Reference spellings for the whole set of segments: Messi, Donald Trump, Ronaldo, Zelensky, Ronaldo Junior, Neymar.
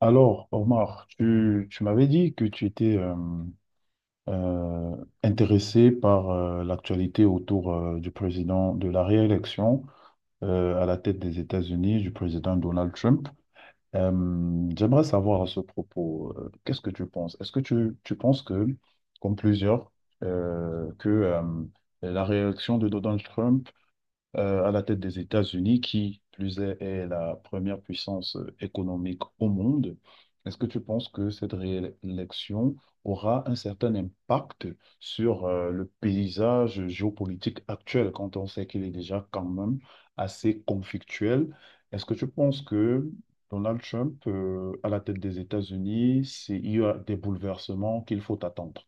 Alors, Omar, tu m'avais dit que tu étais euh, intéressé par l'actualité autour du président de la réélection à la tête des États-Unis du président Donald Trump. J'aimerais savoir à ce propos, qu'est-ce que tu penses? Est-ce que tu penses que, comme plusieurs, que la réélection de Donald Trump à la tête des États-Unis, qui plus est, est la première puissance économique au monde. Est-ce que tu penses que cette réélection aura un certain impact sur le paysage géopolitique actuel, quand on sait qu'il est déjà quand même assez conflictuel? Est-ce que tu penses que Donald Trump, à la tête des États-Unis, il y a des bouleversements qu'il faut attendre?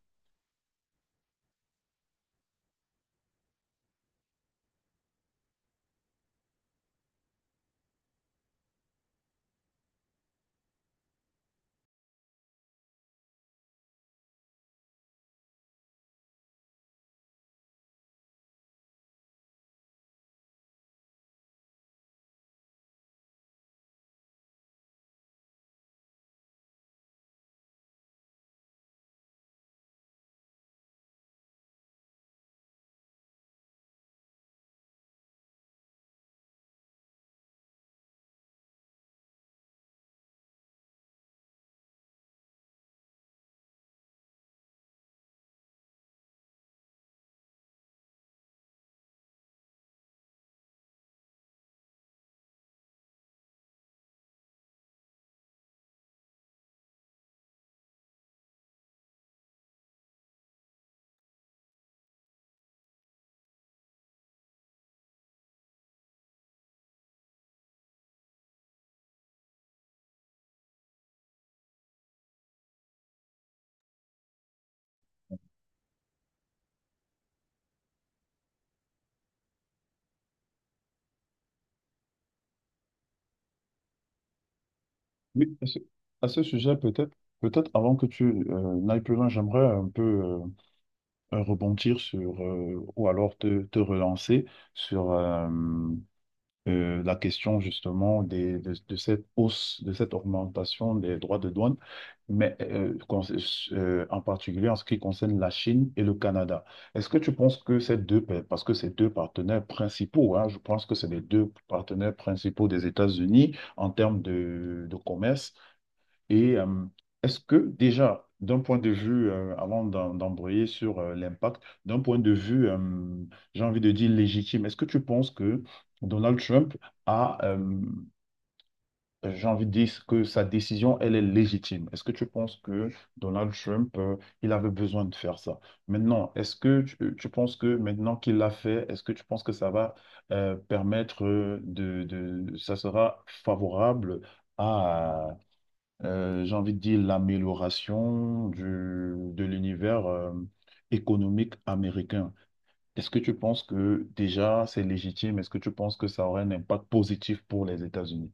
Oui, à ce sujet, peut-être, peut-être avant que tu n'ailles plus loin, j'aimerais un peu rebondir sur, ou alors te relancer sur la question justement de cette hausse, de cette augmentation des droits de douane, mais en particulier en ce qui concerne la Chine et le Canada. Est-ce que tu penses que parce que ces deux partenaires principaux, hein, je pense que c'est les deux partenaires principaux des États-Unis en termes de commerce, et est-ce que déjà, d'un point de vue, d'embrayer sur l'impact, d'un point de vue, j'ai envie de dire légitime, est-ce que tu penses que Donald Trump a, j'ai envie de dire que sa décision, elle est légitime? Est-ce que tu penses que Donald Trump, il avait besoin de faire ça? Maintenant, est-ce que tu penses que maintenant qu'il l'a fait, est-ce que tu penses que ça va permettre de, ça sera favorable? À j'ai envie de dire l'amélioration du, de l'univers économique américain. Est-ce que tu penses que déjà c'est légitime? Est-ce que tu penses que ça aurait un impact positif pour les États-Unis?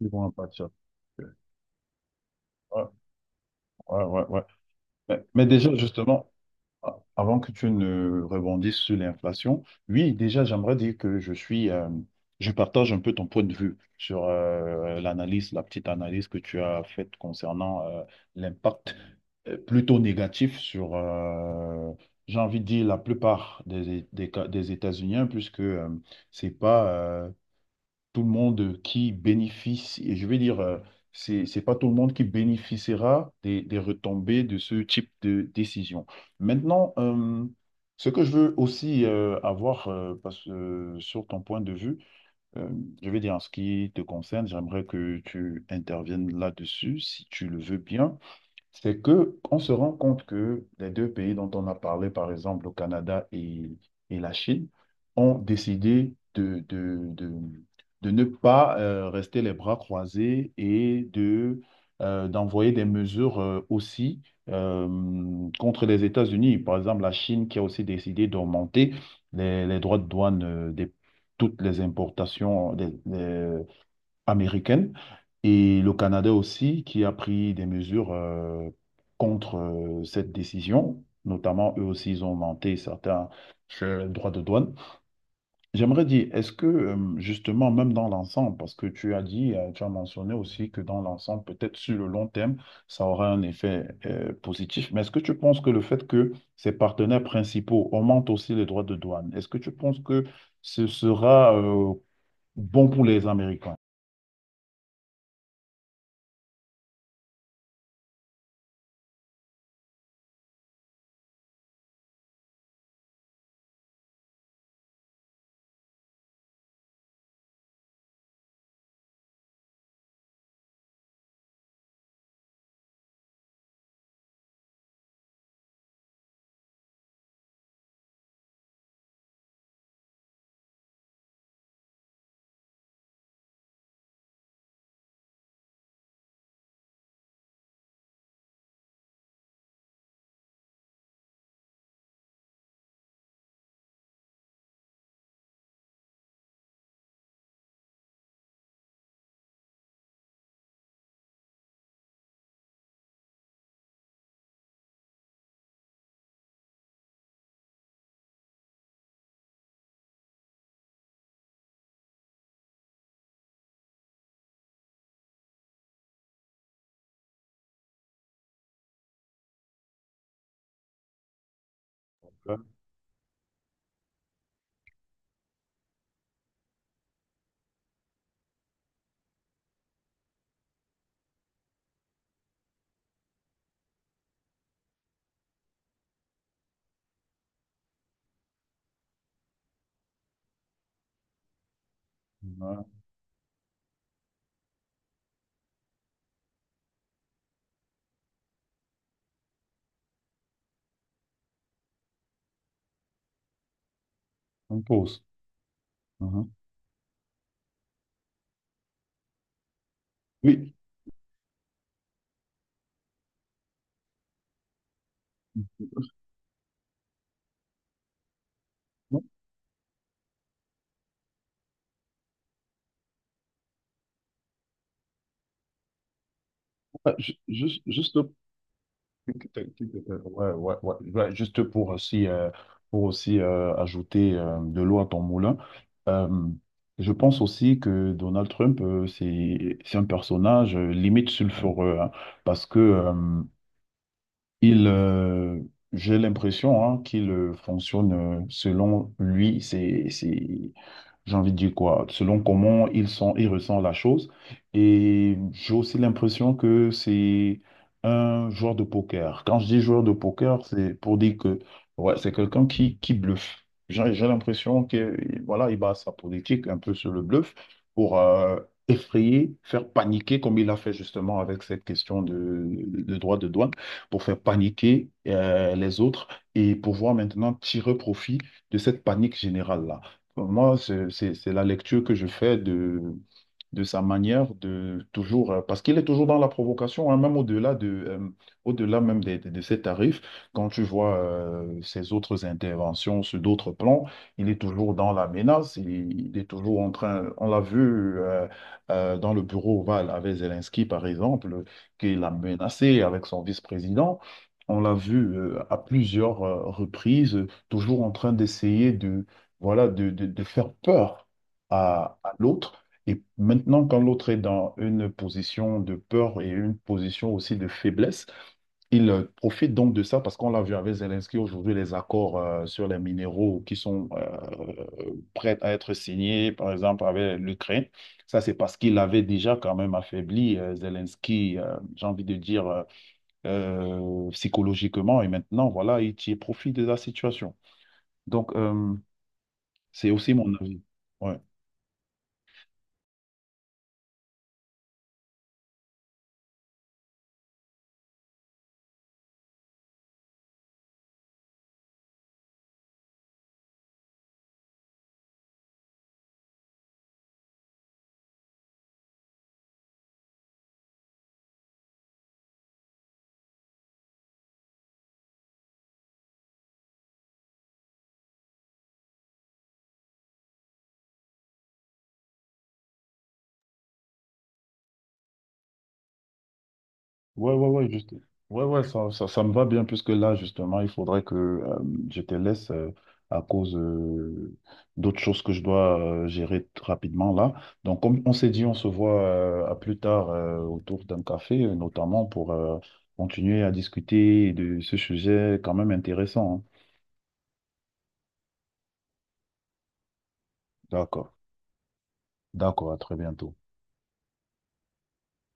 Ils vont impacter ça. Ouais, ouais, ouais, ouais. Mais déjà, justement, ah, avant que tu ne rebondisses sur l'inflation, oui, déjà, j'aimerais dire que je suis, je partage un peu ton point de vue sur l'analyse, la petite analyse que tu as faite concernant l'impact plutôt négatif sur, j'ai envie de dire, la plupart des États-Unis, hein, puisque c'est pas, tout le monde qui bénéficie, et je vais dire, c'est pas tout le monde qui bénéficiera des retombées de ce type de décision. Maintenant, ce que je veux aussi avoir, parce que sur ton point de vue, euh, je vais dire en ce qui te concerne, j'aimerais que tu interviennes là-dessus, si tu le veux bien. C'est que on se rend compte que les deux pays dont on a parlé, par exemple le Canada et la Chine, ont décidé de ne pas rester les bras croisés et de, d'envoyer des mesures aussi euh, contre les États-Unis. Par exemple, la Chine qui a aussi décidé d'augmenter les droits de douane des toutes les importations, américaine, et le Canada aussi qui a pris des mesures contre cette décision. Notamment, eux aussi, ils ont augmenté certains droits de douane. J'aimerais dire, est-ce que justement, même dans l'ensemble, parce que tu as dit, tu as mentionné aussi que dans l'ensemble, peut-être sur le long terme, ça aura un effet positif, mais est-ce que tu penses que le fait que ces partenaires principaux augmentent aussi les droits de douane, est-ce que tu penses que ce sera bon pour les Américains? On pause. Mhm. Oui, non, juste, juste, ouais, ouais, ouais, ouais, juste pour aussi ajouter de l'eau à ton moulin, euh, je pense aussi que Donald Trump, c'est un personnage limite sulfureux, hein, parce que il, euh, j'ai l'impression hein, qu'il fonctionne selon lui, c'est j'ai envie de dire quoi, selon comment ils sont, ils ressentent la chose. Et j'ai aussi l'impression que c'est un joueur de poker. Quand je dis joueur de poker, c'est pour dire que ouais, c'est quelqu'un qui bluffe. J'ai l'impression que voilà, il base sa politique un peu sur le bluff pour effrayer, faire paniquer, comme il a fait justement avec cette question de droit de douane, pour faire paniquer les autres et pouvoir maintenant tirer profit de cette panique générale-là. Moi, c'est la lecture que je fais de sa manière de toujours, parce qu'il est toujours dans la provocation, hein, même au-delà de, au-delà même ses tarifs, quand tu vois ses autres interventions sur d'autres plans, il est toujours dans la menace, il est toujours en train, on l'a vu dans le bureau ovale avec Zelensky, par exemple, qu'il a menacé avec son vice-président. On l'a vu à plusieurs reprises, toujours en train d'essayer de, voilà, de faire peur à l'autre. Et maintenant, quand l'autre est dans une position de peur et une position aussi de faiblesse, il profite donc de ça parce qu'on l'a vu avec Zelensky aujourd'hui, les accords sur les minéraux qui sont prêts à être signés, par exemple avec l'Ukraine. Ça, c'est parce qu'il avait déjà quand même affaibli Zelensky, j'ai envie de dire, psychologiquement. Et maintenant, voilà, il tire profit de la situation. Donc, c'est aussi mon avis. Ouais. Ouais, ouais, ouais, juste... ouais, ouais, ça me va bien puisque là, justement, il faudrait que je te laisse à cause d'autres choses que je dois rapidement là. Donc, comme on s'est dit, on se voit à plus tard autour d'un café, notamment pour continuer à discuter de ce sujet quand même intéressant, hein. D'accord, d'accord, à très bientôt.